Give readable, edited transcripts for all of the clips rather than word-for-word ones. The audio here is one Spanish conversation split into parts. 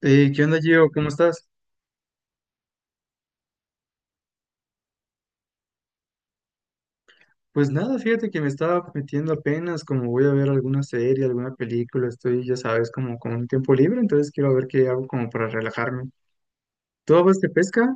¿Qué onda, Gio? ¿Cómo estás? Pues nada, fíjate que me estaba metiendo apenas, como voy a ver alguna serie, alguna película, estoy, ya sabes, como con un tiempo libre, entonces quiero ver qué hago como para relajarme. ¿Tú vas de pesca?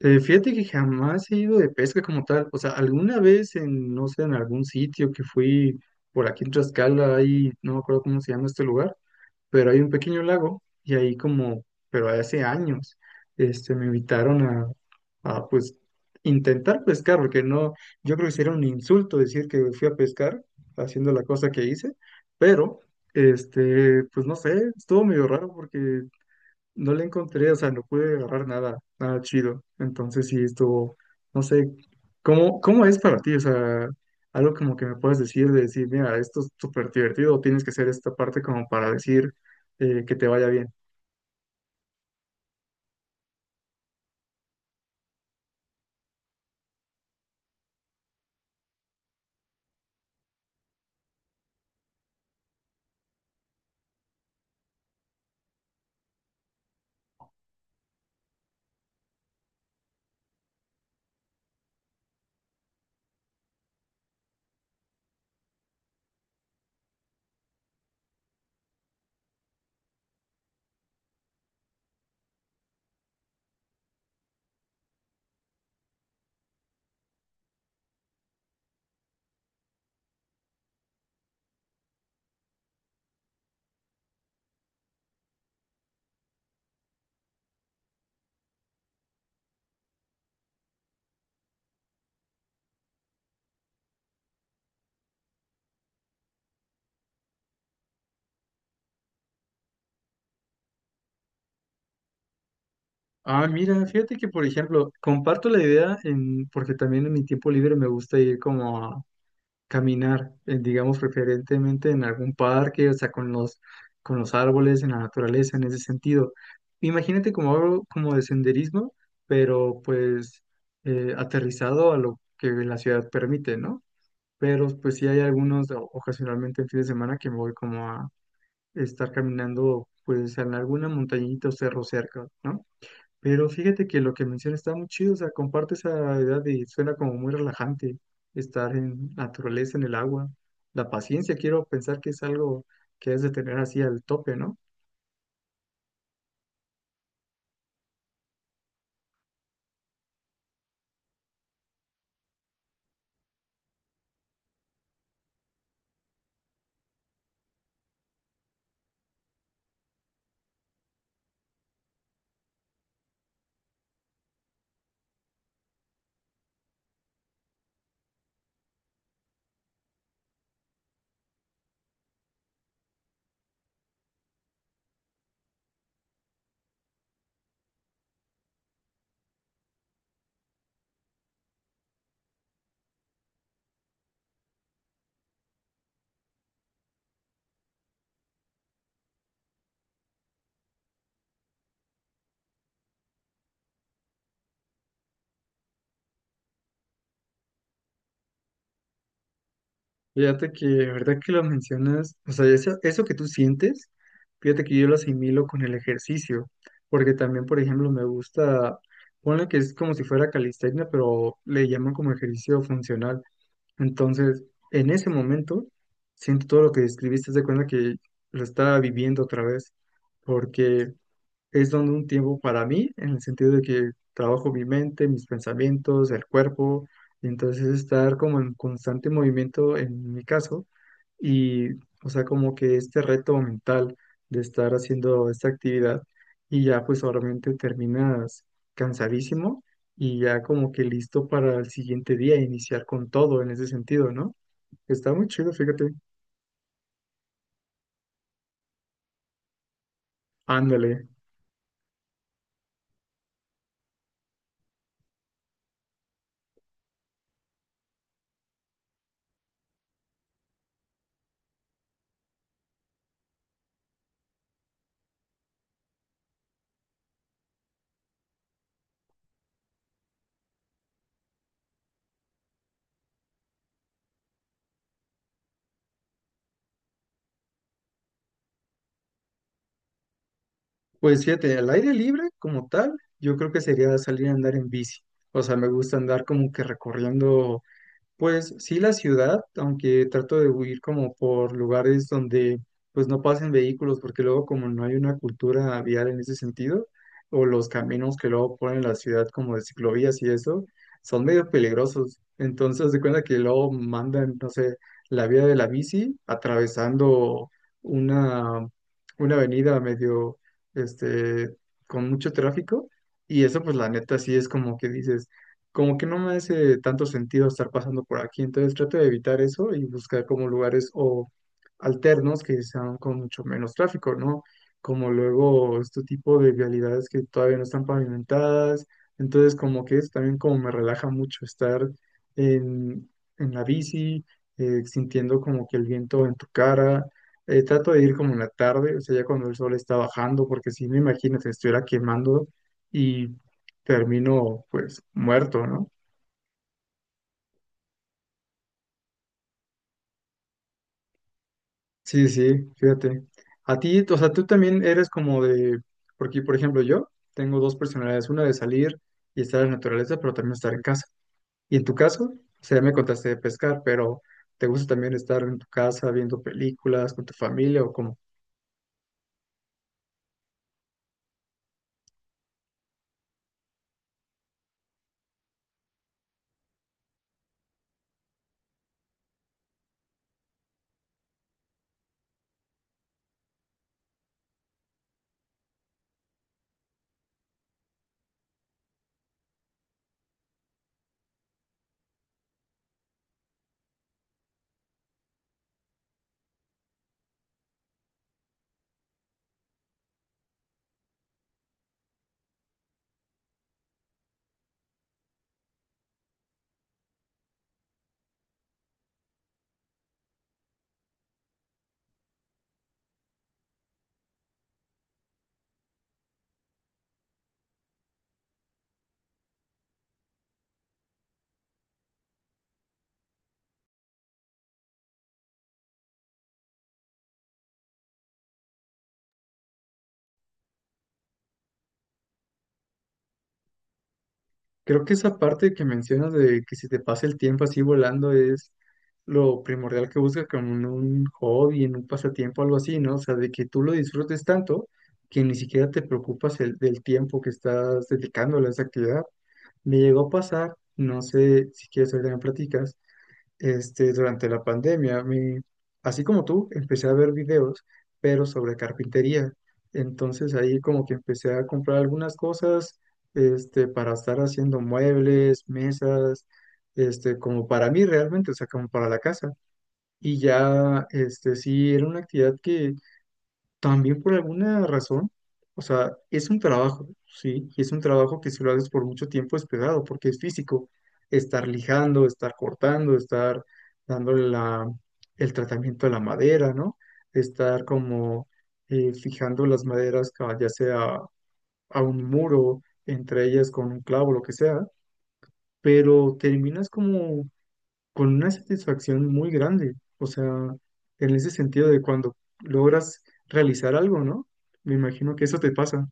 Fíjate que jamás he ido de pesca como tal, o sea, alguna vez en, no sé, en algún sitio que fui por aquí en Tlaxcala, ahí, no me acuerdo cómo se llama este lugar, pero hay un pequeño lago y ahí como, pero hace años, este, me invitaron a, pues intentar pescar, porque no, yo creo que sería un insulto decir que fui a pescar haciendo la cosa que hice, pero, este, pues no sé, estuvo medio raro porque no le encontré, o sea, no pude agarrar nada, nada chido. Entonces sí estuvo, no sé, ¿cómo, cómo es para ti? O sea, algo como que me puedas decir, de decir, mira, esto es súper divertido, o tienes que hacer esta parte como para decir que te vaya bien. Ah, mira, fíjate que, por ejemplo, comparto la idea en, porque también en mi tiempo libre me gusta ir como caminar, digamos, preferentemente en algún parque, o sea, con los árboles, en la naturaleza, en ese sentido. Imagínate como algo como de senderismo, pero pues aterrizado a lo que la ciudad permite, ¿no? Pero pues sí hay algunos, o- ocasionalmente en fin de semana, que me voy como a estar caminando, pues en alguna montañita o cerro cerca, ¿no? Pero fíjate que lo que mencionas está muy chido, o sea, comparte esa edad y suena como muy relajante estar en naturaleza, en el agua. La paciencia, quiero pensar que es algo que has de tener así al tope, ¿no? Fíjate que, la verdad que lo mencionas, o sea, eso que tú sientes, fíjate que yo lo asimilo con el ejercicio, porque también, por ejemplo, me gusta, ponle que es como si fuera calistenia, pero le llaman como ejercicio funcional. Entonces, en ese momento, siento todo lo que describiste, haz de cuenta que lo estaba viviendo otra vez, porque es donde un tiempo para mí, en el sentido de que trabajo mi mente, mis pensamientos, el cuerpo, y entonces estar como en constante movimiento en mi caso, y o sea, como que este reto mental de estar haciendo esta actividad, y ya pues obviamente terminas cansadísimo y ya como que listo para el siguiente día iniciar con todo en ese sentido, ¿no? Está muy chido, fíjate. Ándale. Pues fíjate, al aire libre como tal, yo creo que sería salir a andar en bici. O sea, me gusta andar como que recorriendo pues sí, la ciudad, aunque trato de huir como por lugares donde pues no pasen vehículos, porque luego como no hay una cultura vial en ese sentido, o los caminos que luego ponen en la ciudad como de ciclovías y eso, son medio peligrosos. Entonces, haz de cuenta que luego mandan, no sé, la vía de la bici atravesando una, una avenida medio, este, con mucho tráfico, y eso pues la neta sí es como que dices como que no me hace tanto sentido estar pasando por aquí, entonces trato de evitar eso y buscar como lugares o alternos que sean con mucho menos tráfico, ¿no? Como luego este tipo de vialidades que todavía no están pavimentadas, entonces como que es también como me relaja mucho estar en, en la bici, sintiendo como que el viento en tu cara. Trato de ir como en la tarde, o sea, ya cuando el sol está bajando, porque si no, imagínate, estuviera quemando y termino pues muerto, ¿no? Sí, sí, fíjate. A ti, o sea, tú también eres como de, porque por ejemplo yo tengo dos personalidades, una de salir y estar en la naturaleza, pero también estar en casa. Y en tu caso, o sea, ya me contaste de pescar, pero ¿te gusta también estar en tu casa viendo películas con tu familia o cómo? Creo que esa parte que mencionas de que si te pasa el tiempo así volando es lo primordial que buscas como en un hobby, en un pasatiempo, algo así, ¿no? O sea, de que tú lo disfrutes tanto que ni siquiera te preocupas el, del tiempo que estás dedicándole a esa actividad. Me llegó a pasar, no sé si quieres ahorita me platicas, este, durante la pandemia, me así como tú, empecé a ver videos, pero sobre carpintería. Entonces ahí como que empecé a comprar algunas cosas, este, para estar haciendo muebles, mesas, este, como para mí realmente, o sea, como para la casa. Y ya, este, sí, era una actividad que también por alguna razón, o sea, es un trabajo, sí, y es un trabajo que si lo haces por mucho tiempo es pesado, porque es físico, estar lijando, estar cortando, estar dándole la, el tratamiento a la madera, ¿no? Estar como fijando las maderas, ca- ya sea a un muro, entre ellas con un clavo, lo que sea, pero terminas como con una satisfacción muy grande, o sea, en ese sentido de cuando logras realizar algo, ¿no? Me imagino que eso te pasa.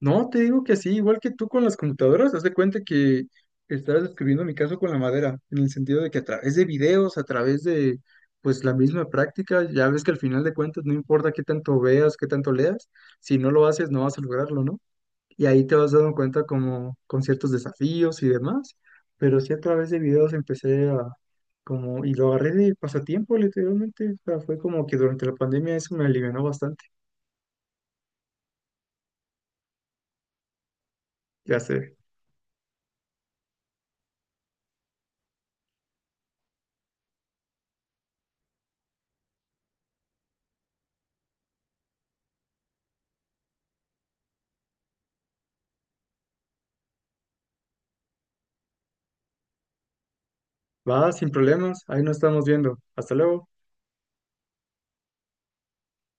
No, te digo que así, igual que tú con las computadoras, haz de cuenta que estás describiendo mi caso con la madera, en el sentido de que a través de videos, a través de pues la misma práctica, ya ves que al final de cuentas no importa qué tanto veas, qué tanto leas, si no lo haces no vas a lograrlo, ¿no? Y ahí te vas dando cuenta como con ciertos desafíos y demás, pero sí a través de videos empecé a como, y lo agarré de pasatiempo literalmente, o sea, fue como que durante la pandemia eso me alivianó bastante, ya sé, va sin problemas, ahí nos estamos viendo, hasta luego.